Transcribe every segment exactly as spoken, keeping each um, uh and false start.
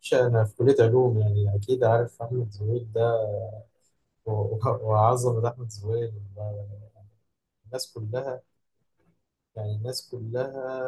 مش أنا في كلية علوم، يعني أكيد عارف أحمد زويل ده. و- و- وعظمة أحمد زويل الناس كلها. يعني الناس كلها،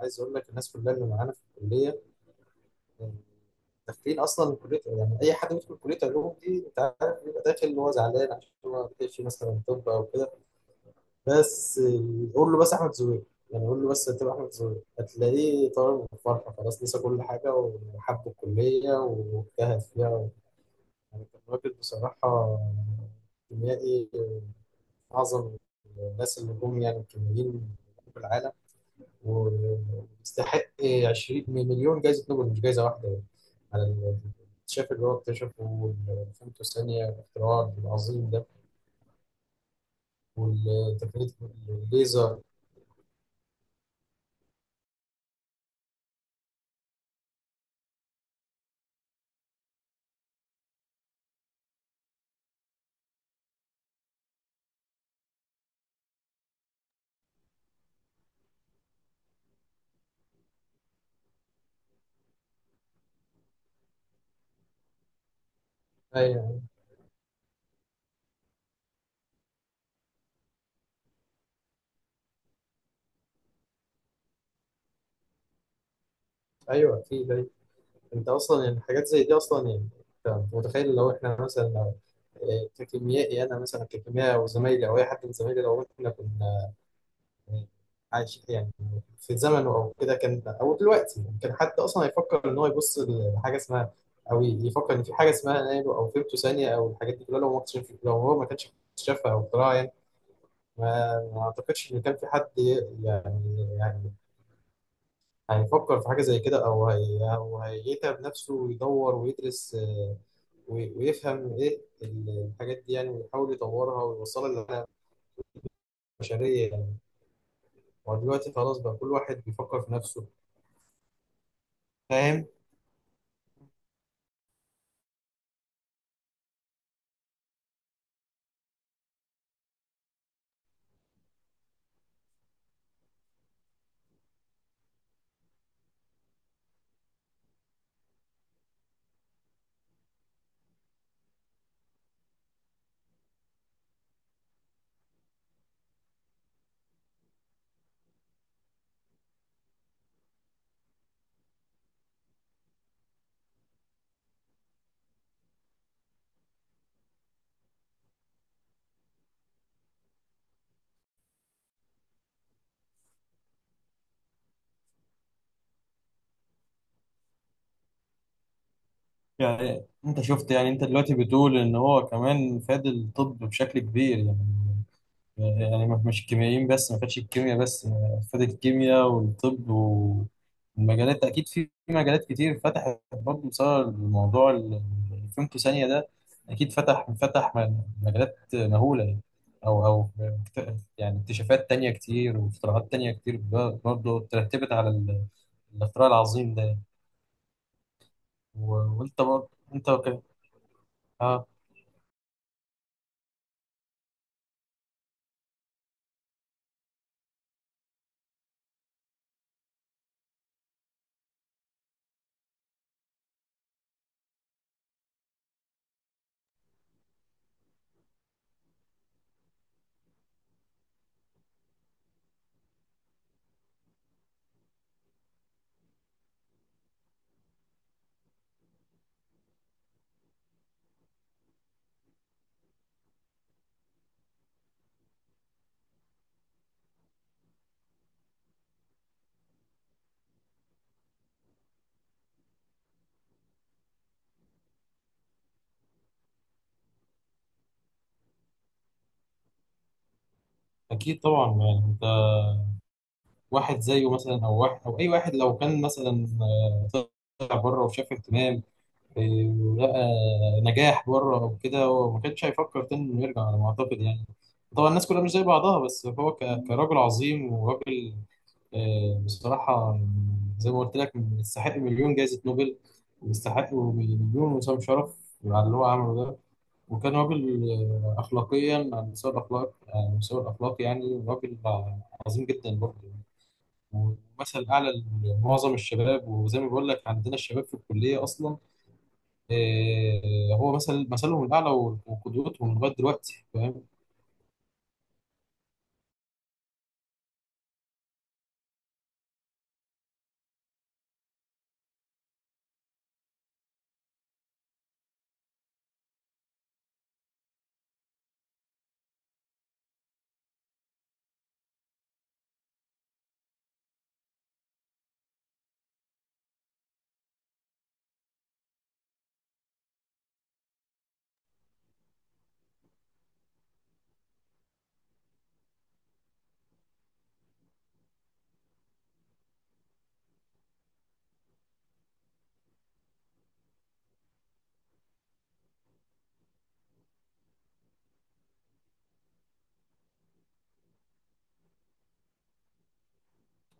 عايز أقول لك الناس كلها اللي معانا في الكلية، يعني داخلين أصلا من كلية، يعني أي حد بيدخل كلية علوم دي أنت عارف بيبقى داخل اللي هو زعلان عشان هو ما بيحبش مثلا طب أو كده. بس قول له بس أحمد زويل، يعني قول له بس هتبقى أحمد زويل هتلاقيه طالع من الفرحة خلاص نسى كل حاجة وحب الكلية واجتهد فيها. يعني كان راجل بصراحة كيميائي أعظم الناس اللي جم، يعني الكيميائيين في العالم، ويستحق عشرين مليون جايزة نوبل مش جايزة واحدة، يعني على الاكتشاف اللي هو اكتشفه والفيمتو الثانية الاختراع العظيم ده والتقنية الليزر. أيوه أيوه أكيد أيوه. أنت أصلا يعني حاجات زي دي أصلا يعني، أنت متخيل لو إحنا مثلا آه، ككيميائي أنا مثلا ككيميائي أو زمايلي أو أي حد من زمايلي لو إحنا كنا يعني عايش يعني في زمنه او كده، كان او دلوقتي يعني كان حد اصلا هيفكر ان هو يبص لحاجه اسمها او يفكر ان في حاجه اسمها نانو او فيمتو ثانيه او الحاجات دي كلها؟ لو ما اكتشف، لو هو ما كانش اكتشفها او اختراعها يعني، ما ما اعتقدش ان كان في حد ي- يعني يعني هيفكر في حاجه زي كده او هي او هيتعب نفسه ويدور ويدرس آه، وي- ويفهم ايه الحاجات دي يعني، ويحاول يطورها ويوصلها للبشريه يعني. ودلوقتي خلاص بقى كل واحد بيفكر في نفسه. فاهم؟ يعني انت شفت يعني انت دلوقتي بتقول ان هو كمان فاد الطب بشكل كبير يعني، يعني ما- مش كيميائيين بس، ما فادش الكيمياء بس، فاد الكيمياء والطب والمجالات، اكيد في مجالات كتير فتحت برضه بسبب الموضوع اللي فهمته ثانية ده. اكيد فتح فتح م- مجالات مهولة يعني، او او اكت- يعني اكتشافات تانية كتير واختراعات تانية كتير برضه ترتبت على ال- الاختراع العظيم ده. و- وانت برضه انت ك- اكيد طبعا، يعني انت واحد زيه مثلا او واحد او اي واحد لو كان مثلا آه، طلع بره وشاف اهتمام آه، ولقى نجاح بره او كده، هو ما كانش هيفكر تاني انه يرجع على ما اعتقد يعني. طبعا الناس كلها مش زي بعضها، بس هو ك- كراجل عظيم وراجل آه، بصراحه زي ما قلت لك يستحق مليون جائزه نوبل، ويستحق مليون وسام شرف على اللي هو عمله ده. وكان راجل آه، أخلاقيا، على مستوى الأخلاق، على مستوى الأخلاق يعني راجل آه، عظيم جدا برضه يعني. ومثل أعلى لمعظم الشباب، وزي ما بقول لك عندنا الشباب في الكلية أصلا آه، هو مثل مثلهم الأعلى وقدوتهم لغاية دلوقتي. فاهم؟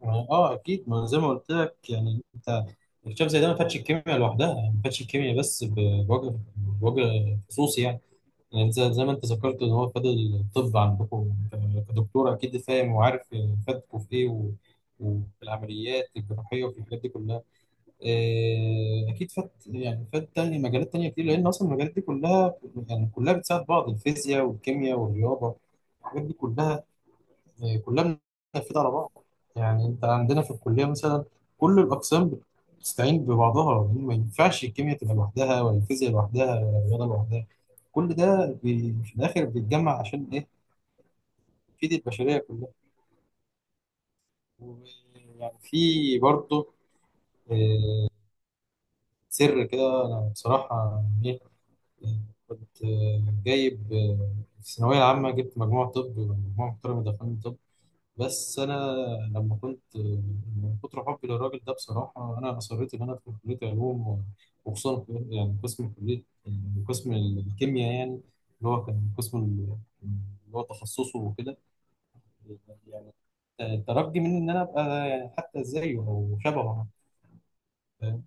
آه أكيد. ما زي ما قلت لك يعني أنت الشاب زي ده ما فاتش الكيمياء لوحدها، ما فاتش الكيمياء بس، بوجه بوجه خصوصي يعني. يعني زي زي ما انت ذكرت ان هو خد الطب عندكم، يعني انت كدكتور اكيد فاهم وعارف فادكم في ايه و... وفي العمليات الجراحيه وفي الحاجات دي كلها. إيه، اكيد فات يعني فات تاني مجالات تانيه كتير، لان اصلا المجالات دي كلها يعني كلها بتساعد بعض، الفيزياء والكيمياء والرياضه الحاجات دي كلها يعني كلها بننفذها على بعض. يعني انت عندنا في الكليه مثلا كل الاقسام بتستعين ببعضها، ما ينفعش الكيمياء تبقى لوحدها ولا الفيزياء لوحدها ولا الرياضه لوحدها. كل ده بي- في الاخر بيتجمع عشان ايه؟ تفيد البشريه كلها. ويعني في برضه آه، سر كده، انا بصراحه ايه، آه، كنت آه، جايب آه، في الثانويه العامه جبت مجموع طب، مجموع محترم دخلني طب، بس انا لما كنت من كتر حبي للراجل ده بصراحه انا اصريت ان انا ادخل كليه علوم و- وخصوصا في- يعني قسم كليه يعني قسم الكيمياء يعني، اللي هو كان قسم ال- اللي هو تخصصه وكده. يعني ت- ترجي مني ان انا ابقى يعني حتى زيه او شبهه حتى، فاهم؟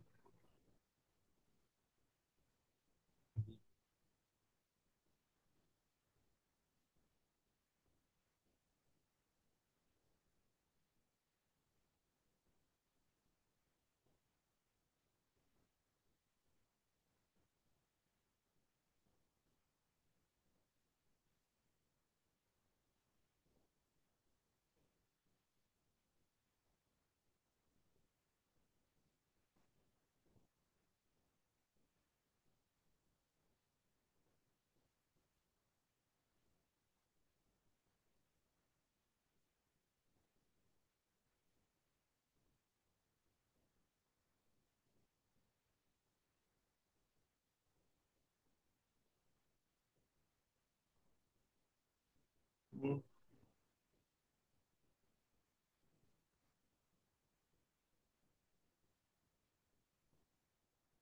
مم.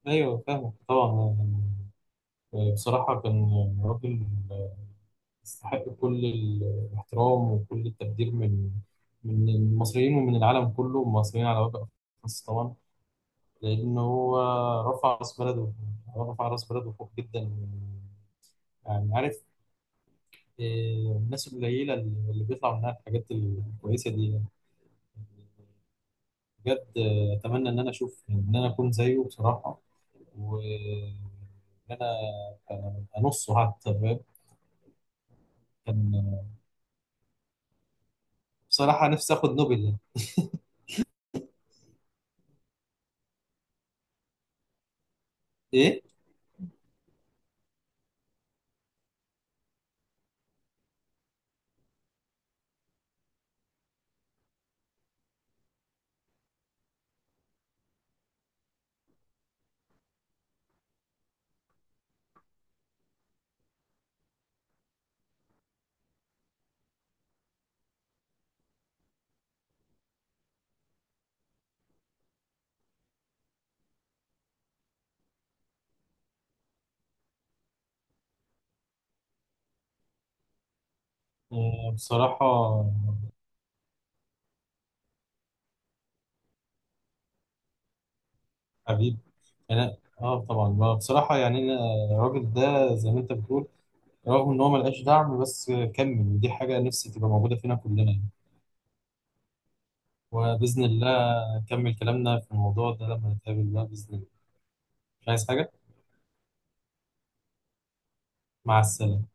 ايوه فاهمك طبعا يعني، آه، بصراحة كان راجل آه، يستحق كل الاحترام وكل التقدير من من المصريين ومن العالم كله، المصريين على وجه الخاص طبعا، لأن هو رفع رأس بلده، رفع رأس بلده فوق جدا. يعني عارف آه، الناس القليلة اللي بيطلع منها الحاجات الكويسة دي يعني. بجد آه، أتمنى إن أنا أشوف إن أنا أكون زيه بصراحة، وإن أنا أنصه حتى، فاهم؟ كان بصراحة نفسي آخد نوبل. ايه آه، بصراحة حبيب، أنا آه طبعا ما بصراحة يعني أنا الراجل ده زي ما أنت بتقول رغم إن هو ملقاش دعم بس كمل، ودي حاجة نفسي تبقى موجودة فينا كلنا يعني. وبإذن الله نكمل كلامنا في الموضوع ده لما نتقابل بقى بإذن الله. مش عايز حاجة. مع السلامة.